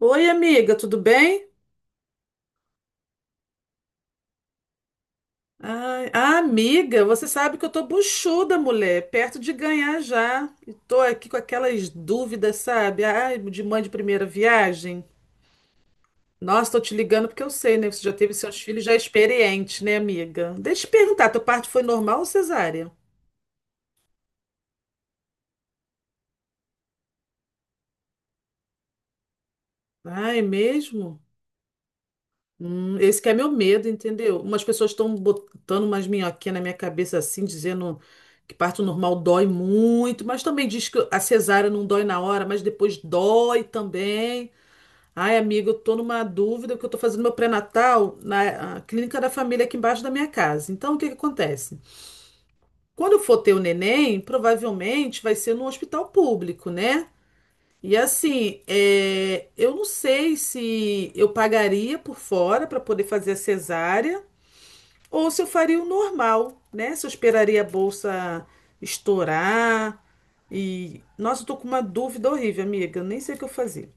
Oi, amiga, tudo bem? Ai, amiga, você sabe que eu tô buchuda, mulher, perto de ganhar já. E tô aqui com aquelas dúvidas, sabe? Ai, de mãe de primeira viagem. Nossa, tô te ligando porque eu sei, né? Você já teve seus filhos, já é experiente, né, amiga? Deixa eu te perguntar, teu parto foi normal ou cesárea? Ai, mesmo? Esse que é meu medo, entendeu? Umas pessoas estão botando umas minhoquinhas na minha cabeça assim, dizendo que parto normal dói muito, mas também diz que a cesárea não dói na hora, mas depois dói também. Ai, amiga, eu tô numa dúvida porque eu tô fazendo meu pré-natal na clínica da família aqui embaixo da minha casa. Então, o que que acontece? Quando eu for ter o neném, provavelmente vai ser num hospital público, né? E assim, é, eu não sei se eu pagaria por fora para poder fazer a cesárea ou se eu faria o normal, né? Se eu esperaria a bolsa estourar. E. Nossa, eu tô com uma dúvida horrível, amiga. Eu nem sei o que eu fazia.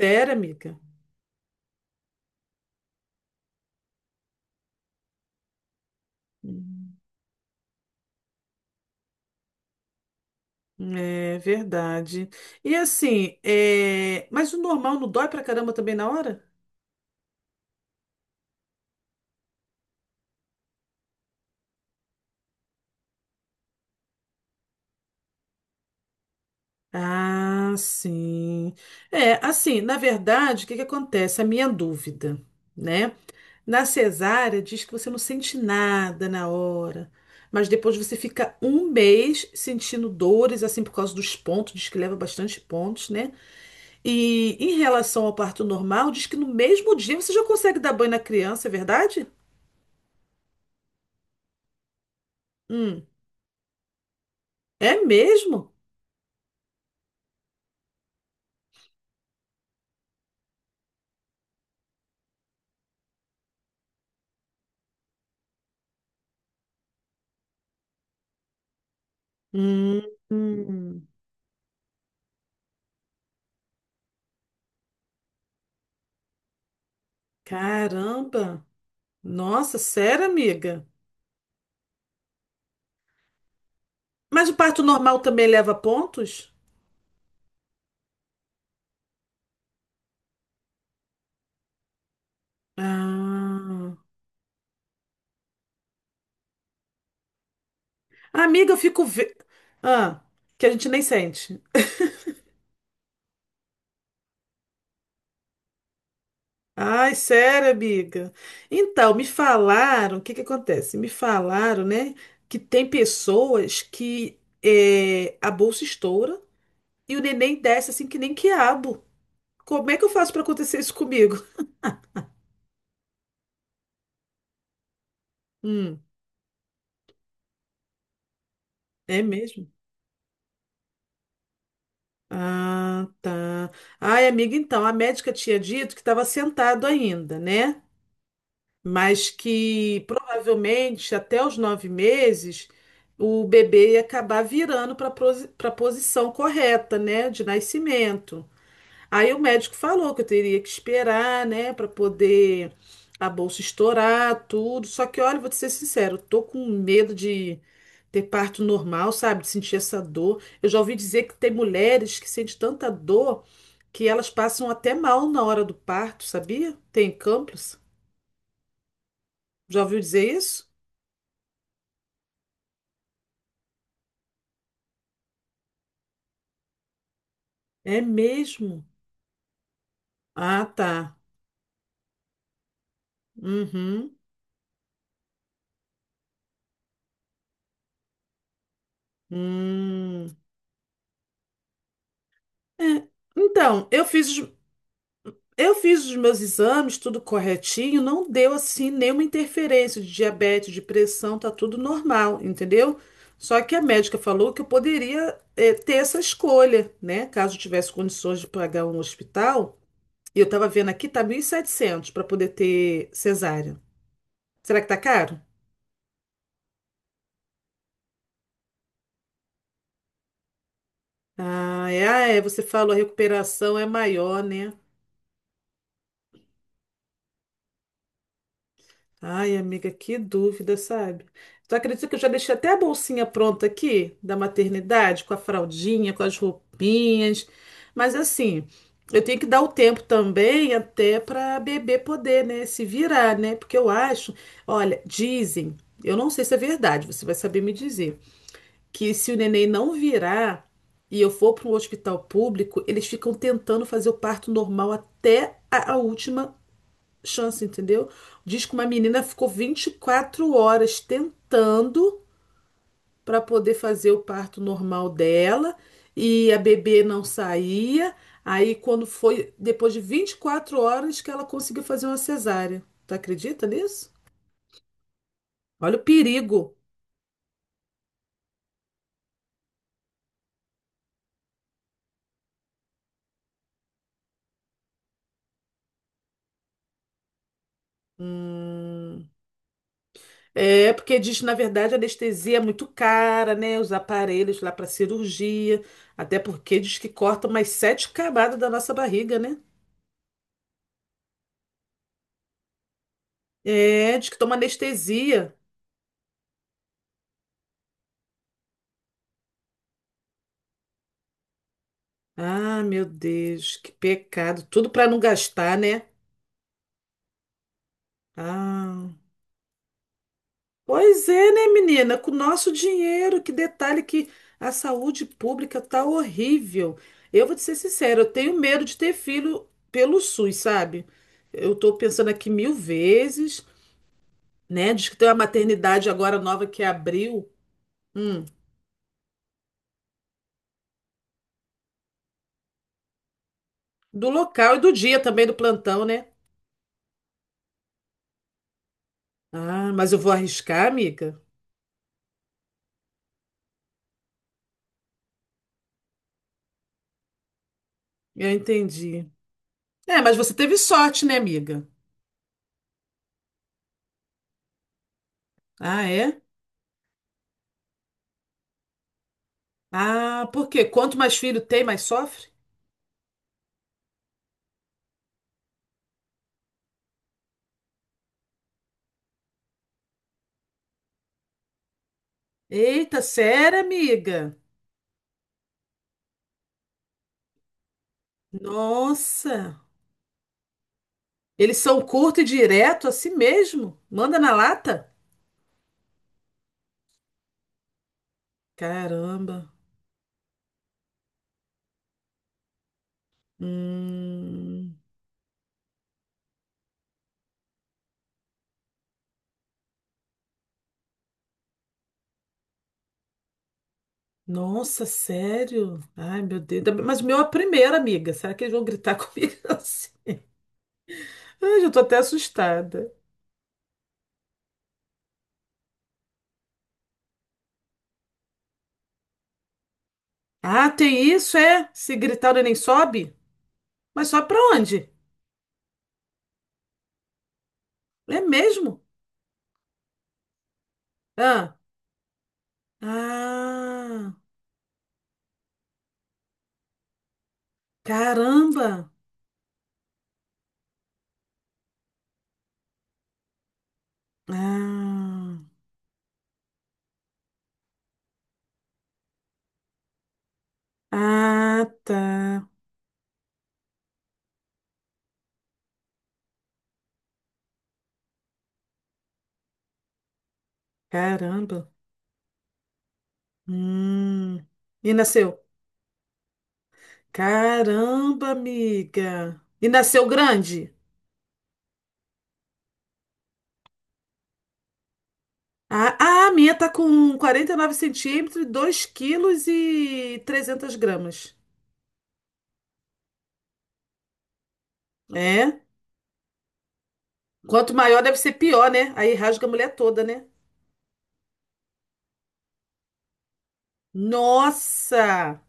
Sério, amiga? Hum. É verdade. E assim, mas o normal não dói pra caramba também na hora? Ah, sim. É, assim, na verdade, o que que acontece? A minha dúvida, né? Na cesárea, diz que você não sente nada na hora, mas depois você fica um mês sentindo dores, assim, por causa dos pontos, diz que leva bastante pontos, né? E em relação ao parto normal, diz que no mesmo dia você já consegue dar banho na criança, é verdade? Hum, é mesmo? Hum, hum. Caramba! Nossa, sério, amiga? Mas o parto normal também leva pontos? Ah, amiga, eu fico. Ah, que a gente nem sente. Ai, sério, amiga? Então, me falaram, o que que acontece? Me falaram, né, que tem pessoas que a bolsa estoura e o neném desce assim que nem quiabo. Como é que eu faço para acontecer isso comigo? Hum, é mesmo? Ah, tá. Ai, amiga, então, a médica tinha dito que estava sentado ainda, né? Mas que provavelmente até os 9 meses o bebê ia acabar virando para a posição correta, né, de nascimento. Aí o médico falou que eu teria que esperar, né, para poder a bolsa estourar, tudo. Só que, olha, vou te ser sincero, eu tô com medo de ter parto normal, sabe, de sentir essa dor. Eu já ouvi dizer que tem mulheres que sentem tanta dor que elas passam até mal na hora do parto, sabia? Tem campos. Já ouviu dizer isso? É mesmo? Ah, tá. Uhum. Hum. É. Então, eu fiz os meus exames, tudo corretinho, não deu assim nenhuma interferência de diabetes, de pressão, tá tudo normal, entendeu? Só que a médica falou que eu poderia, ter essa escolha, né? Caso eu tivesse condições de pagar um hospital. E eu tava vendo aqui, tá 1.700 para poder ter cesárea. Será que tá caro? Ah, é, você falou, a recuperação é maior, né? Ai, amiga, que dúvida, sabe? Tu acredita que eu já deixei até a bolsinha pronta aqui da maternidade, com a fraldinha, com as roupinhas. Mas assim, eu tenho que dar o tempo também até para bebê poder, né, se virar, né? Porque eu acho, olha, dizem, eu não sei se é verdade, você vai saber me dizer, que se o neném não virar e eu for para um hospital público, eles ficam tentando fazer o parto normal até a última chance, entendeu? Diz que uma menina ficou 24 horas tentando para poder fazer o parto normal dela e a bebê não saía. Aí, quando foi depois de 24 horas que ela conseguiu fazer uma cesárea. Tu acredita nisso? Olha o perigo. Hum. É, porque diz que, na verdade, a anestesia é muito cara, né? Os aparelhos lá para cirurgia. Até porque diz que corta mais sete camadas da nossa barriga, né? É, diz que toma anestesia. Ah, meu Deus, que pecado. Tudo para não gastar, né? Ah, pois é, né, menina? Com o nosso dinheiro, que detalhe que a saúde pública tá horrível. Eu vou te ser sincera, eu tenho medo de ter filho pelo SUS, sabe? Eu tô pensando aqui mil vezes, né? Diz que tem uma maternidade agora nova que abriu. Hum, do local e do dia também, do plantão, né? Ah, mas eu vou arriscar, amiga? Eu entendi. É, mas você teve sorte, né, amiga? Ah, é? Ah, por quê? Quanto mais filho tem, mais sofre? Eita, sério, amiga? Nossa! Eles são curto e direto, assim mesmo? Manda na lata? Caramba! Hum, nossa, sério? Ai, meu Deus. Mas o meu é a primeira, amiga. Será que eles vão gritar comigo assim? Ai, já tô até assustada. Ah, tem isso, é? Se gritar, o neném sobe? Mas sobe pra onde? É mesmo? Ah. Ah, caramba! Ah, ah, tá. Caramba. Hum. E nasceu? Caramba, amiga. E nasceu grande? Ah, ah, a minha tá com 49 centímetros, 2 quilos e 300 gramas. É? Quanto maior deve ser pior, né? Aí rasga a mulher toda, né? Nossa!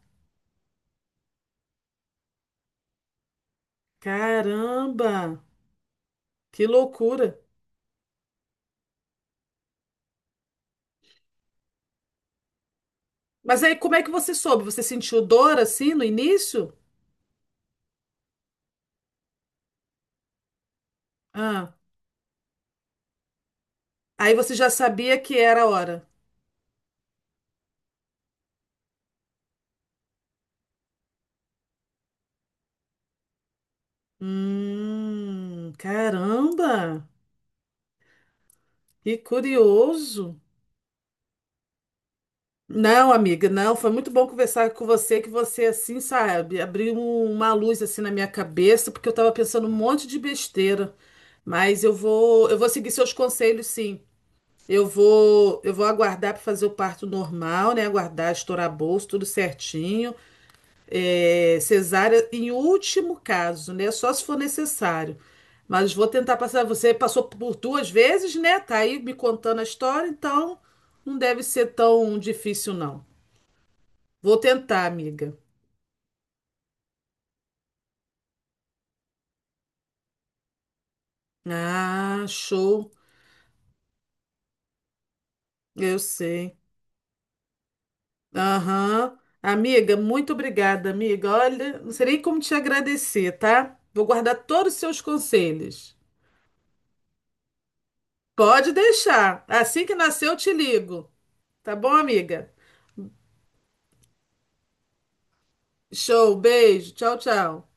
Caramba! Que loucura! Mas aí como é que você soube? Você sentiu dor assim no início? Ah, aí você já sabia que era a hora. Caramba, que curioso. Não, amiga, não, foi muito bom conversar com você, que você assim, sabe, abriu uma luz assim na minha cabeça, porque eu tava pensando um monte de besteira. Mas eu vou seguir seus conselhos, sim. Eu vou aguardar para fazer o parto normal, né? Aguardar estourar bolso, tudo certinho. É, cesárea em último caso, né? Só se for necessário. Mas vou tentar passar. Você passou por duas vezes, né? Tá aí me contando a história, então não deve ser tão difícil, não. Vou tentar, amiga. Ah, show. Eu sei. Aham. Amiga, muito obrigada, amiga. Olha, não sei nem como te agradecer, tá? Vou guardar todos os seus conselhos. Pode deixar. Assim que nascer, eu te ligo. Tá bom, amiga? Show, beijo. Tchau, tchau.